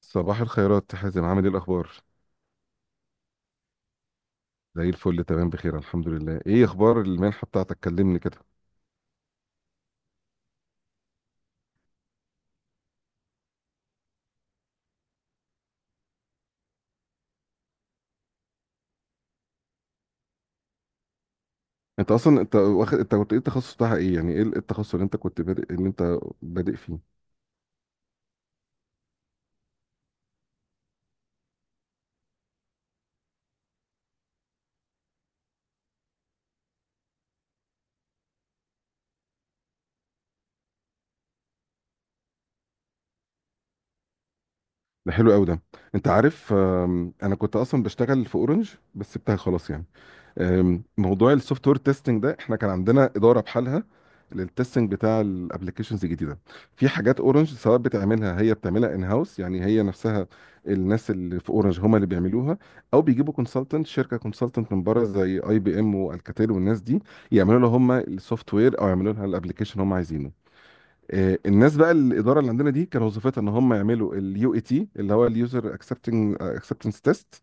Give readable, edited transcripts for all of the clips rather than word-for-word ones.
صباح الخيرات يا حازم، عامل ايه الاخبار؟ زي الفل، تمام بخير الحمد لله. ايه اخبار المنحه بتاعتك؟ كلمني كده. انت اصلا، انت واخد، انت كنت ايه التخصص بتاعها؟ ايه يعني ايه التخصص اللي انت كنت بادئ، اللي انت بادئ فيه؟ ده حلو قوي ده. انت عارف، انا كنت اصلا بشتغل في اورنج بس سبتها خلاص يعني. موضوع السوفت وير تيستنج ده احنا كان عندنا اداره بحالها للتستنج بتاع الابلكيشنز الجديده. في حاجات اورنج سواء بتعملها، هي بتعملها ان هاوس يعني، هي نفسها، الناس اللي في اورنج هم اللي بيعملوها، او بيجيبوا كونسلتنت، شركه كونسلتنت من بره زي اي بي ام والكاتيل والناس دي يعملوا لها هم السوفت وير، او يعملوا لها الابلكيشن هم عايزينه. الناس بقى الاداره اللي عندنا دي كان وظيفتها ان هم يعملوا اليو اي تي اللي هو اليوزر اكسبتنس تيست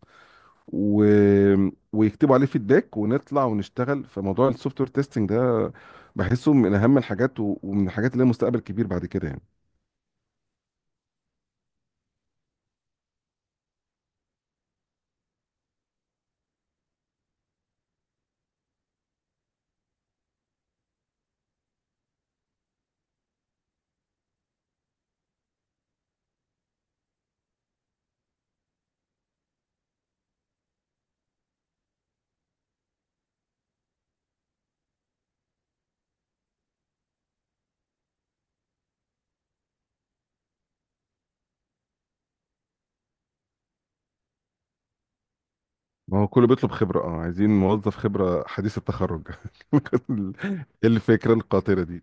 و... ويكتبوا عليه فيدباك ونطلع ونشتغل. فموضوع السوفت وير تيستنج ده بحسه من اهم الحاجات ومن الحاجات اللي لها مستقبل كبير بعد كده يعني. ما هو كله بيطلب خبرة، اه عايزين موظف خبرة حديث التخرج. الفكرة القاطرة دي.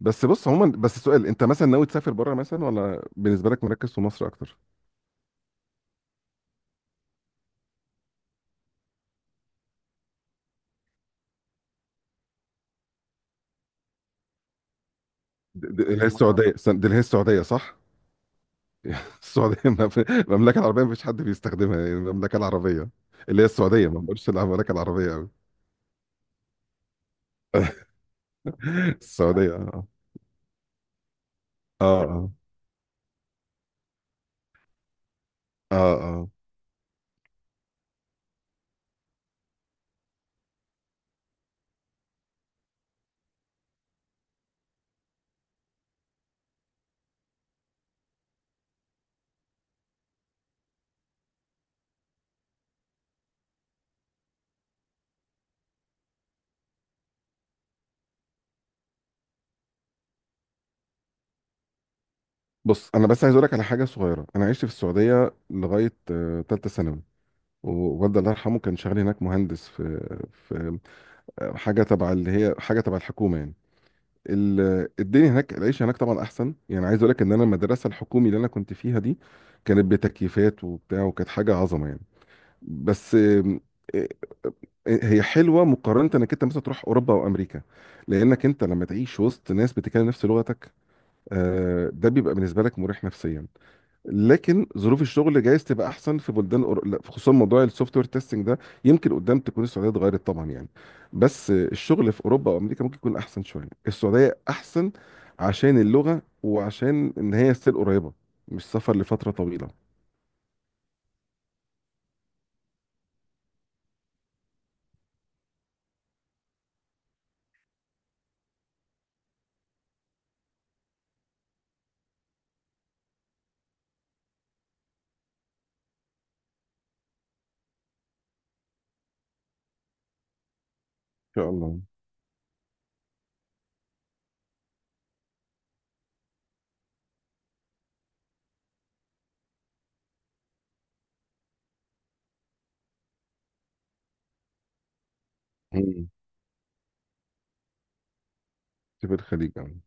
بس بص عموما، بس السؤال، انت مثلا ناوي تسافر بره مثلا ولا بالنسبة لك مركز في مصر اكتر؟ اللي هي السعودية، دي اللي هي السعودية صح؟ السعودية ما في- المملكة العربية مفيش حد بيستخدمها يعني، المملكة العربية اللي هي السعودية. ما بقولش المملكة العربية قوي. السعودية اه. اه. اه. اه. اه. بص انا بس عايز اقول لك على حاجة صغيرة. انا عشت في السعودية لغاية تالتة ثانوي. ووالدي الله يرحمه كان شغال هناك مهندس في حاجة تبع، اللي هي حاجة تبع الحكومة يعني. الدنيا هناك، العيش هناك طبعا احسن. يعني عايز اقول لك ان انا المدرسة الحكومي اللي انا كنت فيها دي كانت بتكييفات وبتاع، وكانت حاجة عظمة يعني. بس آه، هي حلوة مقارنة انك انت مثلا تروح اوروبا او امريكا، لانك انت لما تعيش وسط ناس بتتكلم نفس لغتك، ده بيبقى بالنسبه لك مريح نفسيا. لكن ظروف الشغل جايز تبقى احسن في بلدان لا، خصوصا موضوع السوفت وير تيستنج ده يمكن قدام تكون السعوديه اتغيرت طبعا يعني. بس الشغل في اوروبا وامريكا ممكن يكون احسن شويه. السعوديه احسن عشان اللغه، وعشان ان هي ستيل قريبه، مش سفر لفتره طويله. ان شاء الله. مم. في الخليج يعني.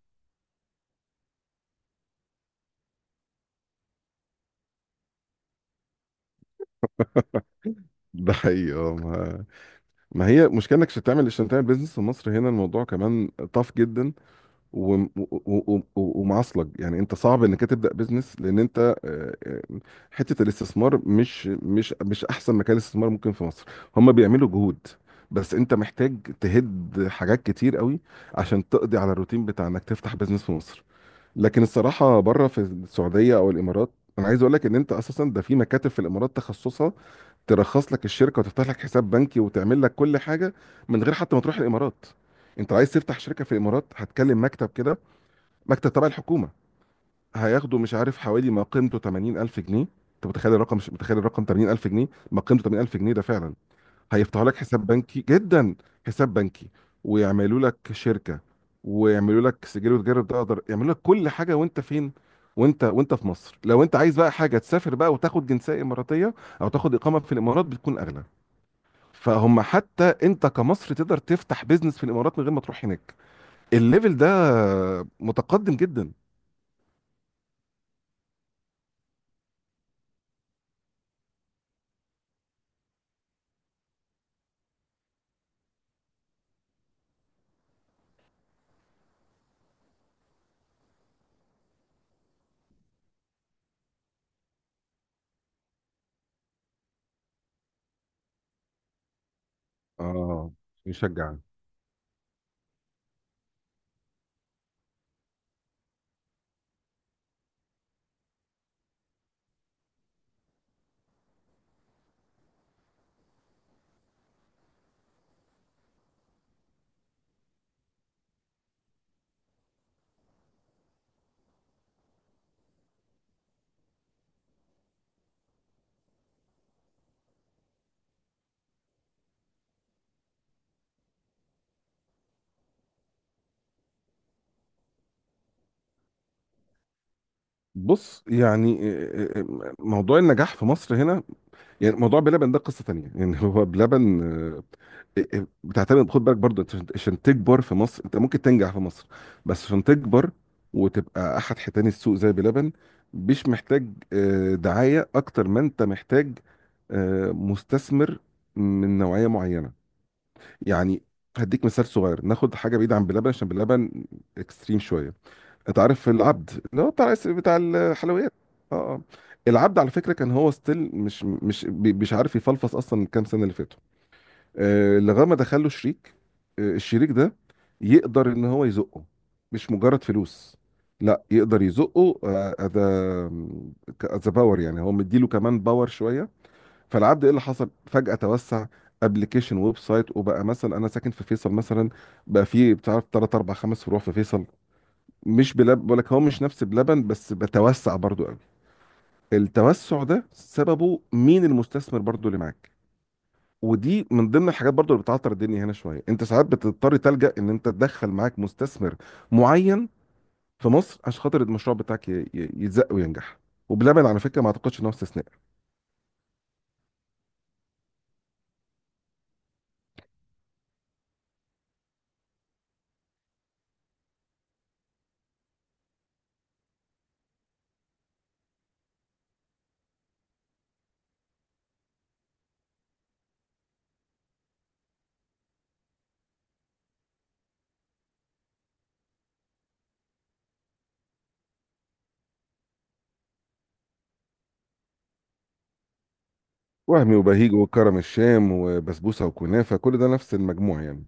ده حقيقي. ما هي مشكلة انك عشان تعمل، عشان تعمل بيزنس في مصر هنا الموضوع كمان طاف جدا. ومعصلك يعني، انت صعب انك تبدا بيزنس لان انت آه، آه، حته الاستثمار مش احسن مكان استثمار ممكن في مصر. هم بيعملوا جهود بس انت محتاج تهد حاجات كتير قوي عشان تقضي على الروتين بتاع انك تفتح بيزنس في مصر. لكن الصراحه بره في السعوديه او الامارات، انا عايز اقول لك ان انت اساسا ده في مكاتب في الامارات تخصصها ترخص لك الشركه وتفتح لك حساب بنكي وتعمل لك كل حاجه من غير حتى ما تروح الامارات. انت عايز تفتح شركه في الامارات، هتكلم مكتب كده، مكتب تبع الحكومه، هياخده مش عارف حوالي ما قيمته 80,000 جنيه. انت متخيل الرقم؟ مش متخيل الرقم 80,000 جنيه؟ ما قيمته 80,000 جنيه ده فعلا. هيفتحوا لك حساب بنكي جدا، حساب بنكي، ويعملوا لك شركة، ويعملوا لك سجل وتجاري، تقدر يعملوا لك كل حاجة وانت فين، وانت في مصر. لو انت عايز بقى حاجة تسافر بقى وتاخد جنسية إماراتية او تاخد إقامة في الإمارات بتكون أغلى. فهم حتى انت كمصر تقدر تفتح بيزنس في الإمارات من غير ما تروح هناك. الليفل ده متقدم جدا. اه، يشجع. بص يعني موضوع النجاح في مصر هنا. يعني موضوع بلبن ده قصة تانية يعني. هو بلبن آه، بتعتمد. خد بالك برضه، انت عشان تكبر في مصر انت ممكن تنجح في مصر. بس عشان تكبر وتبقى احد حيتان السوق زي بلبن مش محتاج دعاية اكتر ما انت محتاج مستثمر من نوعية معينة يعني. هديك مثال صغير، ناخد حاجة بعيدة عن بلبن عشان بلبن اكستريم شوية. انت عارف العبد اللي هو بتاع الحلويات؟ اه اه. العبد على فكرة كان هو ستيل مش مش عارف يفلفص اصلا من كام سنة اللي فاتوا. لغايه ما دخل له شريك. الشريك ده يقدر ان هو يزقه. مش مجرد فلوس، لا، يقدر يزقه. از باور يعني، هو مديله كمان باور شويه. فالعبد ايه اللي حصل؟ فجاه توسع، ابلكيشن، ويب سايت، وبقى مثلا انا ساكن في فيصل مثلا، بقى في بتعرف 3 4 5 فروع في فيصل. مش بقول لك هو مش نفس بلبن بس بتوسع برضو قوي. التوسع ده سببه مين؟ المستثمر برضو اللي معاك. ودي من ضمن الحاجات برضو اللي بتعطر الدنيا هنا شويه. انت ساعات بتضطر تلجأ ان انت تدخل معاك مستثمر معين في مصر عشان خاطر المشروع بتاعك يتزق وينجح. وبلبن على فكره ما اعتقدش ان هو استثناء. وهمي وبهيج وكرم الشام وبسبوسه وكنافه، كل ده نفس المجموع يعني.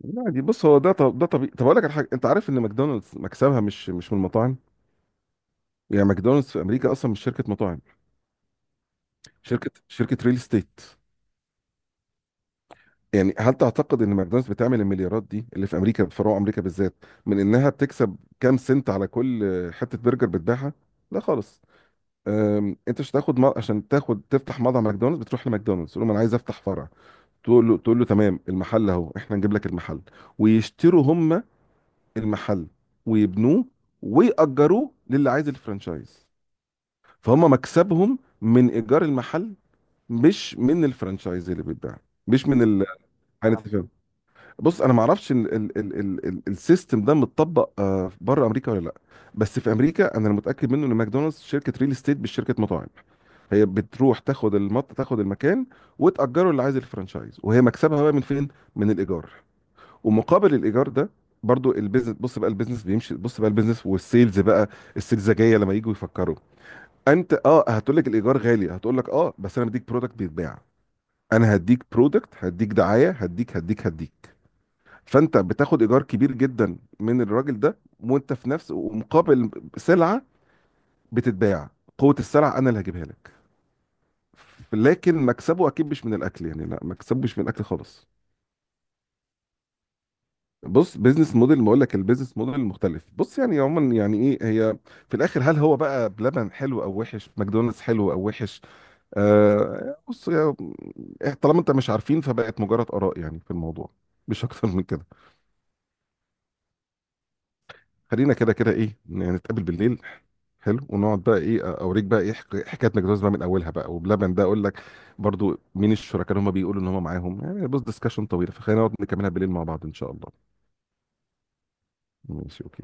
لا دي بص هو ده، طب ده طبيعي. طب اقول لك على حاجه، انت عارف ان ماكدونالدز مكسبها مش من المطاعم؟ يعني ماكدونالدز في امريكا اصلا مش شركه مطاعم، شركه ريل استيت. يعني هل تعتقد ان ماكدونالدز بتعمل المليارات دي اللي في امريكا في فروع امريكا بالذات من انها بتكسب كام سنت على كل حته برجر بتبيعها؟ لا خالص. انت مش هتاخد عشان تاخد تفتح مطعم ماكدونالدز بتروح لماكدونالدز تقول له انا عايز افتح فرع. تقول له تمام المحل اهو، احنا نجيب لك المحل. ويشتروا هم المحل ويبنوه ويأجروه للي عايز الفرانشايز. فهم مكسبهم من ايجار المحل مش من الفرانشايز اللي بيتباع، مش من بص انا ما اعرفش السيستم ده متطبق بره امريكا ولا لا. بس في امريكا انا المتاكد منه ان ماكدونالدز شركه ريل استيت مش شركه مطاعم. هي بتروح تاخد المكان وتأجره اللي عايز الفرانشايز، وهي مكسبها بقى من فين؟ من الإيجار. ومقابل الإيجار ده برضو البيزنس، بص بقى البيزنس بيمشي، بص بقى البيزنس والسيلز بقى. السلزجية لما يجوا يفكروا، انت اه هتقول لك الإيجار غالي، هتقول لك اه بس انا بديك برودكت بيتباع. انا هديك برودكت، هديك دعاية، هديك. فانت بتاخد ايجار كبير جدا من الراجل ده وانت في نفس، ومقابل سلعه بتتباع، قوه السلعه انا اللي هجيبها لك. لكن مكسبه اكيد مش من الاكل يعني، لا مكسبه مش من الاكل خالص. بص بيزنس موديل، ما اقول لك البيزنس موديل مختلف. بص يعني عموما يعني ايه هي، في الاخر هل هو بقى بلبن حلو او وحش؟ ماكدونالدز حلو او وحش؟ آه بص طالما انت مش عارفين فبقت مجرد اراء يعني في الموضوع، مش اكتر من كده. خلينا كده كده ايه، نتقابل بالليل حلو ونقعد بقى ايه اوريك بقى ايه حكايه ماكدونالدز بقى من اولها بقى، وبلبن ده اقول لك برضو مين الشركاء اللي هم بيقولوا ان هم معاهم يعني. بص ديسكشن طويله فخلينا نقعد نكملها بالليل مع بعض ان شاء الله. ماشي اوكي.